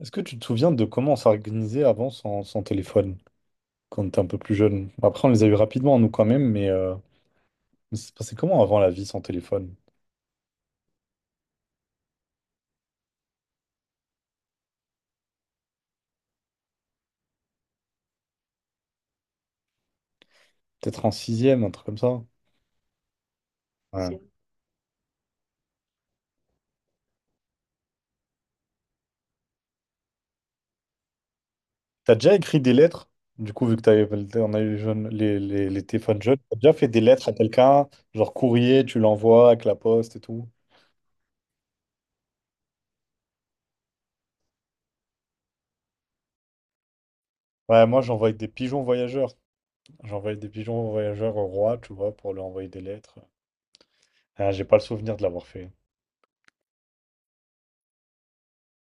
Est-ce que tu te souviens de comment on s'organisait avant sans téléphone, quand on était un peu plus jeune? Bon, après, on les a eu rapidement, nous, quand même, mais ça se passait comment avant la vie sans téléphone? Peut-être en sixième, un truc comme ça. Ouais. Si. T'as déjà écrit des lettres? Du coup, vu que t'avais, on a eu les téléphones jeunes, t'as déjà fait des lettres à quelqu'un, genre courrier, tu l'envoies avec la poste et tout? Ouais, moi, j'envoyais des pigeons voyageurs. J'envoyais des pigeons voyageurs au roi, tu vois, pour lui envoyer des lettres. Ah, j'ai pas le souvenir de l'avoir fait.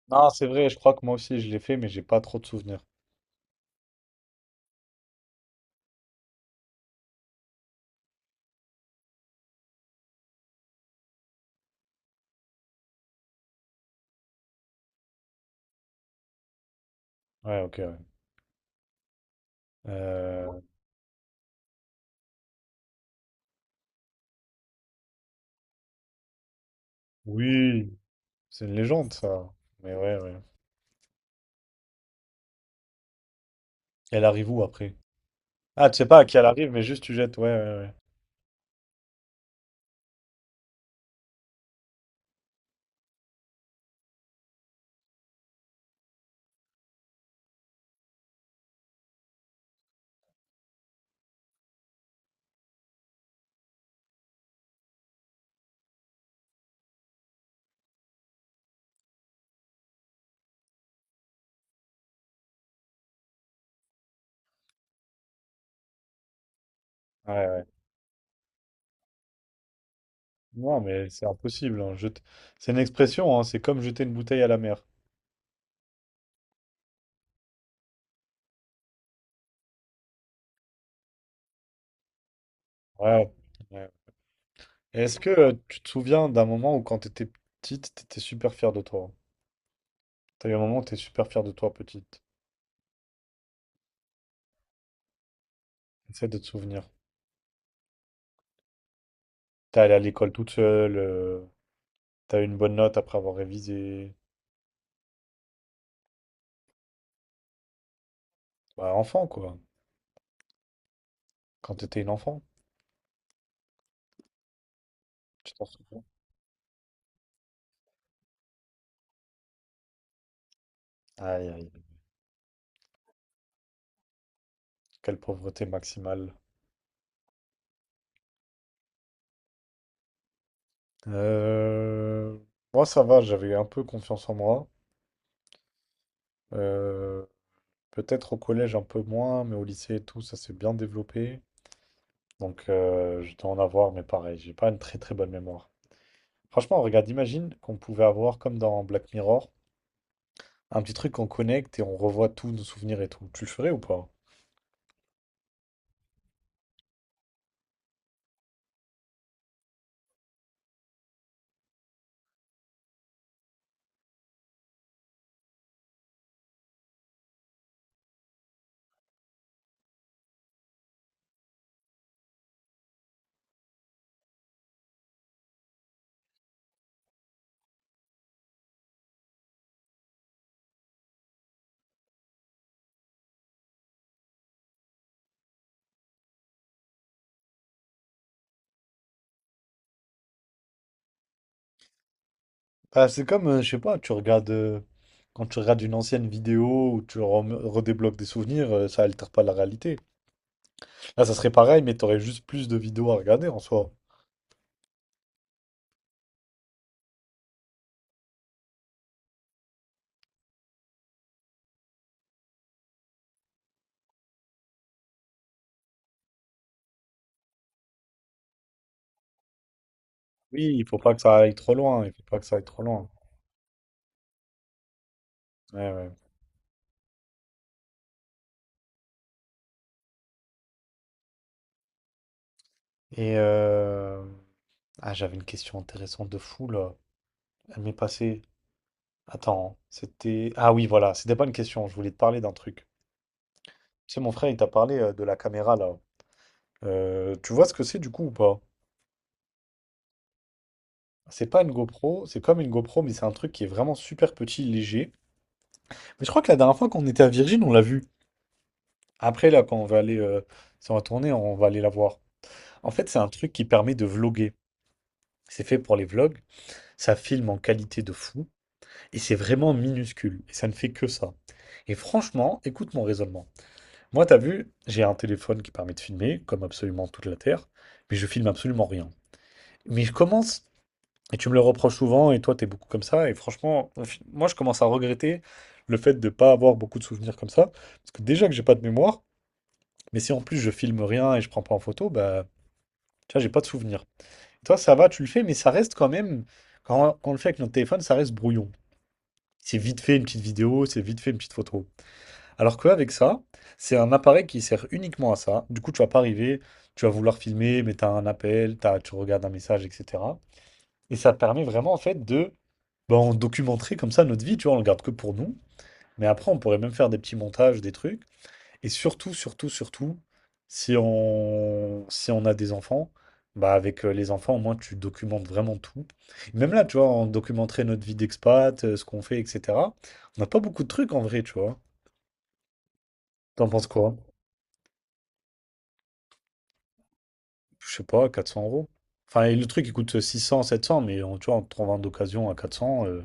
Non, c'est vrai, je crois que moi aussi, je l'ai fait, mais j'ai pas trop de souvenirs. Ouais, ok, ouais. Euh, oui, c'est une légende, ça. Mais ouais, ouais. Elle arrive où après? Ah, tu sais pas à qui elle arrive, mais juste tu jettes. Ouais, ouais, ouais. Ouais, ouais. Non, mais c'est impossible. Hein. C'est une expression, hein, c'est comme jeter une bouteille à la mer. Ouais. Ouais. Est-ce que tu te souviens d'un moment où quand t'étais petite, t'étais super fière de toi? T'as eu un moment où t'es super fière de toi, petite. Essaie de te souvenir. T'es allée à l'école toute seule, t'as eu une bonne note après avoir révisé. Bah, enfant, quoi. Quand t'étais une enfant, tu t'en souviens? Aïe, aïe, quelle pauvreté maximale. Euh, Moi, ça va, j'avais un peu confiance en moi. Euh, Peut-être au collège un peu moins, mais au lycée et tout, ça s'est bien développé. Donc, je dois en avoir, mais pareil, j'ai pas une très très bonne mémoire. Franchement, regarde, imagine qu'on pouvait avoir, comme dans Black Mirror, un petit truc qu'on connecte et on revoit tous nos souvenirs et tout. Tu le ferais ou pas? Ah, c'est comme, je sais pas, tu regardes, quand tu regardes une ancienne vidéo ou tu redébloques des souvenirs, ça altère pas la réalité. Là, ça serait pareil, mais t'aurais juste plus de vidéos à regarder en soi. Oui, il faut pas que ça aille trop loin. Il faut pas que ça aille trop loin. Ouais, ouais. Et ah, j'avais une question intéressante de fou là. Elle m'est passée. Attends, c'était. Ah oui, voilà, c'était pas une question. Je voulais te parler d'un truc. Tu sais, mon frère, il t'a parlé de la caméra là. Tu vois ce que c'est du coup ou pas? C'est pas une GoPro, c'est comme une GoPro, mais c'est un truc qui est vraiment super petit, léger. Mais je crois que la dernière fois qu'on était à Virgin, on l'a vu. Après, là, quand on va aller, si on va tourner, on va aller la voir. En fait, c'est un truc qui permet de vloguer. C'est fait pour les vlogs, ça filme en qualité de fou, et c'est vraiment minuscule, et ça ne fait que ça. Et franchement, écoute mon raisonnement. Moi, t'as vu, j'ai un téléphone qui permet de filmer, comme absolument toute la Terre, mais je filme absolument rien. Mais je commence, et tu me le reproches souvent, et toi, t'es beaucoup comme ça, et franchement, moi, je commence à regretter le fait de ne pas avoir beaucoup de souvenirs comme ça, parce que déjà que j'ai pas de mémoire, mais si en plus je filme rien et je prends pas en photo, bah, tu vois, j'ai pas de souvenirs. Toi, ça va, tu le fais, mais ça reste quand même, quand, on le fait avec notre téléphone, ça reste brouillon. C'est vite fait une petite vidéo, c'est vite fait une petite photo. Alors qu'avec ça, c'est un appareil qui sert uniquement à ça. Du coup, tu vas pas arriver, tu vas vouloir filmer, mais tu as un appel, tu regardes un message, etc. Et ça permet vraiment, en fait, de ben, on documenterait comme ça notre vie, tu vois, on le garde que pour nous. Mais après, on pourrait même faire des petits montages, des trucs. Et surtout, surtout, surtout, si on, si on a des enfants, bah avec les enfants, au moins, tu documentes vraiment tout. Même là, tu vois, on documenterait notre vie d'expat, ce qu'on fait, etc. On n'a pas beaucoup de trucs en vrai, tu vois. T'en penses quoi? Je sais pas, 400 euros. Enfin, et le truc, il coûte 600, 700 mais on, tu vois, en trouvant d'occasion à 400,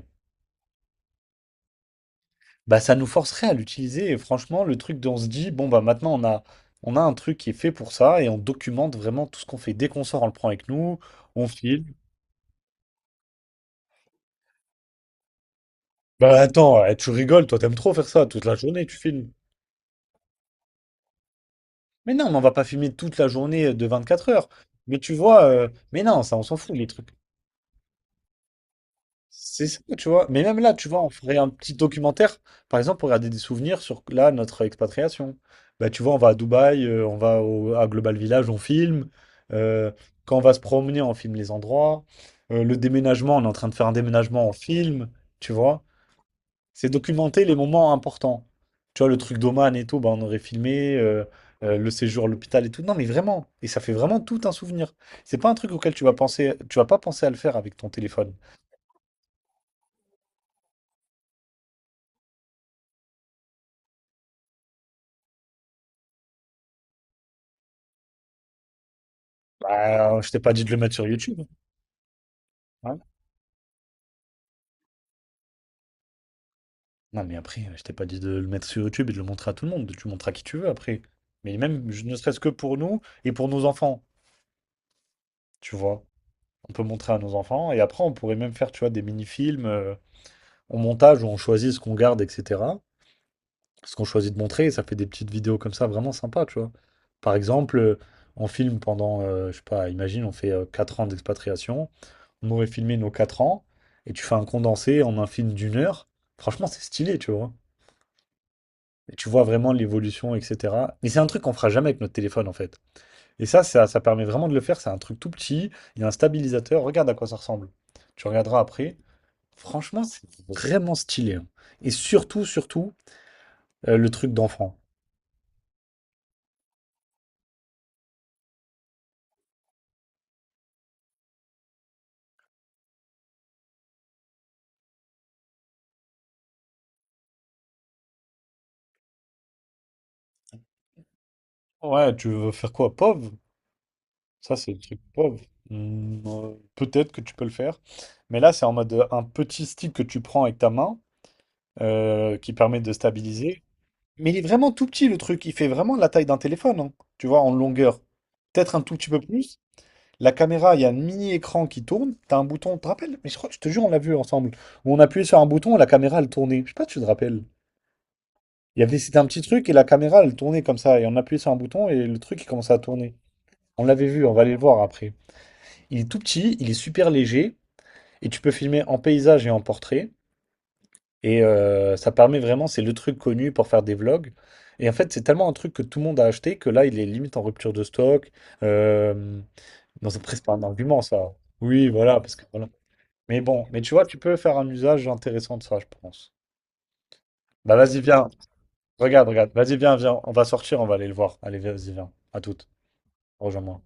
bah ça nous forcerait à l'utiliser. Et franchement, le truc dont on se dit, bon, bah maintenant, on a un truc qui est fait pour ça et on documente vraiment tout ce qu'on fait. Dès qu'on sort, on le prend avec nous, on file. Bah attends, eh, tu rigoles, toi t'aimes trop faire ça, toute la journée tu filmes. Mais non, mais on va pas filmer toute la journée de 24 heures. Mais tu vois, mais non, ça on s'en fout les trucs. C'est ça, tu vois. Mais même là, tu vois, on ferait un petit documentaire, par exemple, pour regarder des souvenirs sur là, notre expatriation. Bah tu vois, on va à Dubaï, on va à Global Village, on filme. Euh, Quand on va se promener, on filme les endroits. Le déménagement, on est en train de faire un déménagement, on filme, tu vois. C'est documenter les moments importants. Tu vois, le truc d'Oman et tout, bah, on aurait filmé le séjour à l'hôpital et tout. Non, mais vraiment. Et ça fait vraiment tout un souvenir. C'est pas un truc auquel tu vas penser, tu vas pas penser à le faire avec ton téléphone. Bah, je t'ai pas dit de le mettre sur YouTube. Hein. Ouais. Non, mais après, je t'ai pas dit de le mettre sur YouTube et de le montrer à tout le monde. Tu le montres à qui tu veux après. Mais même, je- ne serait-ce que pour nous et pour nos enfants, tu vois. On peut montrer à nos enfants et après, on pourrait même faire, tu vois, des mini-films en montage où on choisit ce qu'on garde, etc. ce qu'on choisit de montrer, et ça fait des petites vidéos comme ça vraiment sympa, tu vois. Par exemple, on filme pendant, je sais pas, imagine, on fait 4 ans d'expatriation, on aurait filmé nos 4 ans, et tu fais un condensé en un film d'1 heure, franchement, c'est stylé, tu vois. Et tu vois vraiment l'évolution, etc. Mais c'est un truc qu'on fera jamais avec notre téléphone, en fait. Et ça permet vraiment de le faire, c'est un truc tout petit, il y a un stabilisateur, regarde à quoi ça ressemble. Tu regarderas après. Franchement, c'est vraiment stylé. Hein. Et surtout, surtout, le truc d'enfant. Ouais, tu veux faire quoi? POV? Ça, c'est le truc POV. Hmm, peut-être que tu peux le faire. Mais là, c'est en mode un petit stick que tu prends avec ta main qui permet de stabiliser. Mais il est vraiment tout petit, le truc. Il fait vraiment la taille d'un téléphone, hein, tu vois, en longueur. Peut-être un tout petit peu plus. La caméra, il y a un mini-écran qui tourne. T'as un bouton, tu te rappelles? Mais je crois que je te jure, on l'a vu ensemble. Où on appuyait sur un bouton et la caméra, elle tournait. Je sais pas si tu te rappelles. Il y avait, c'était un petit truc et la caméra, elle tournait comme ça. Et on appuyait sur un bouton et le truc, il commençait à tourner. On l'avait vu, on va aller le voir après. Il est tout petit, il est super léger, et tu peux filmer en paysage et en portrait. Et ça permet vraiment, c'est le truc connu pour faire des vlogs. Et en fait, c'est tellement un truc que tout le monde a acheté que là, il est limite en rupture de stock. Euh, Dans un presque pas un argument, ça. Oui, voilà, parce que voilà. Mais bon, mais tu vois, tu peux faire un usage intéressant de ça, je pense. Bah vas-y, viens. Regarde, regarde. Vas-y, viens, viens. On va sortir, on va aller le voir. Allez, vas-y, viens. À toutes. Rejoins-moi.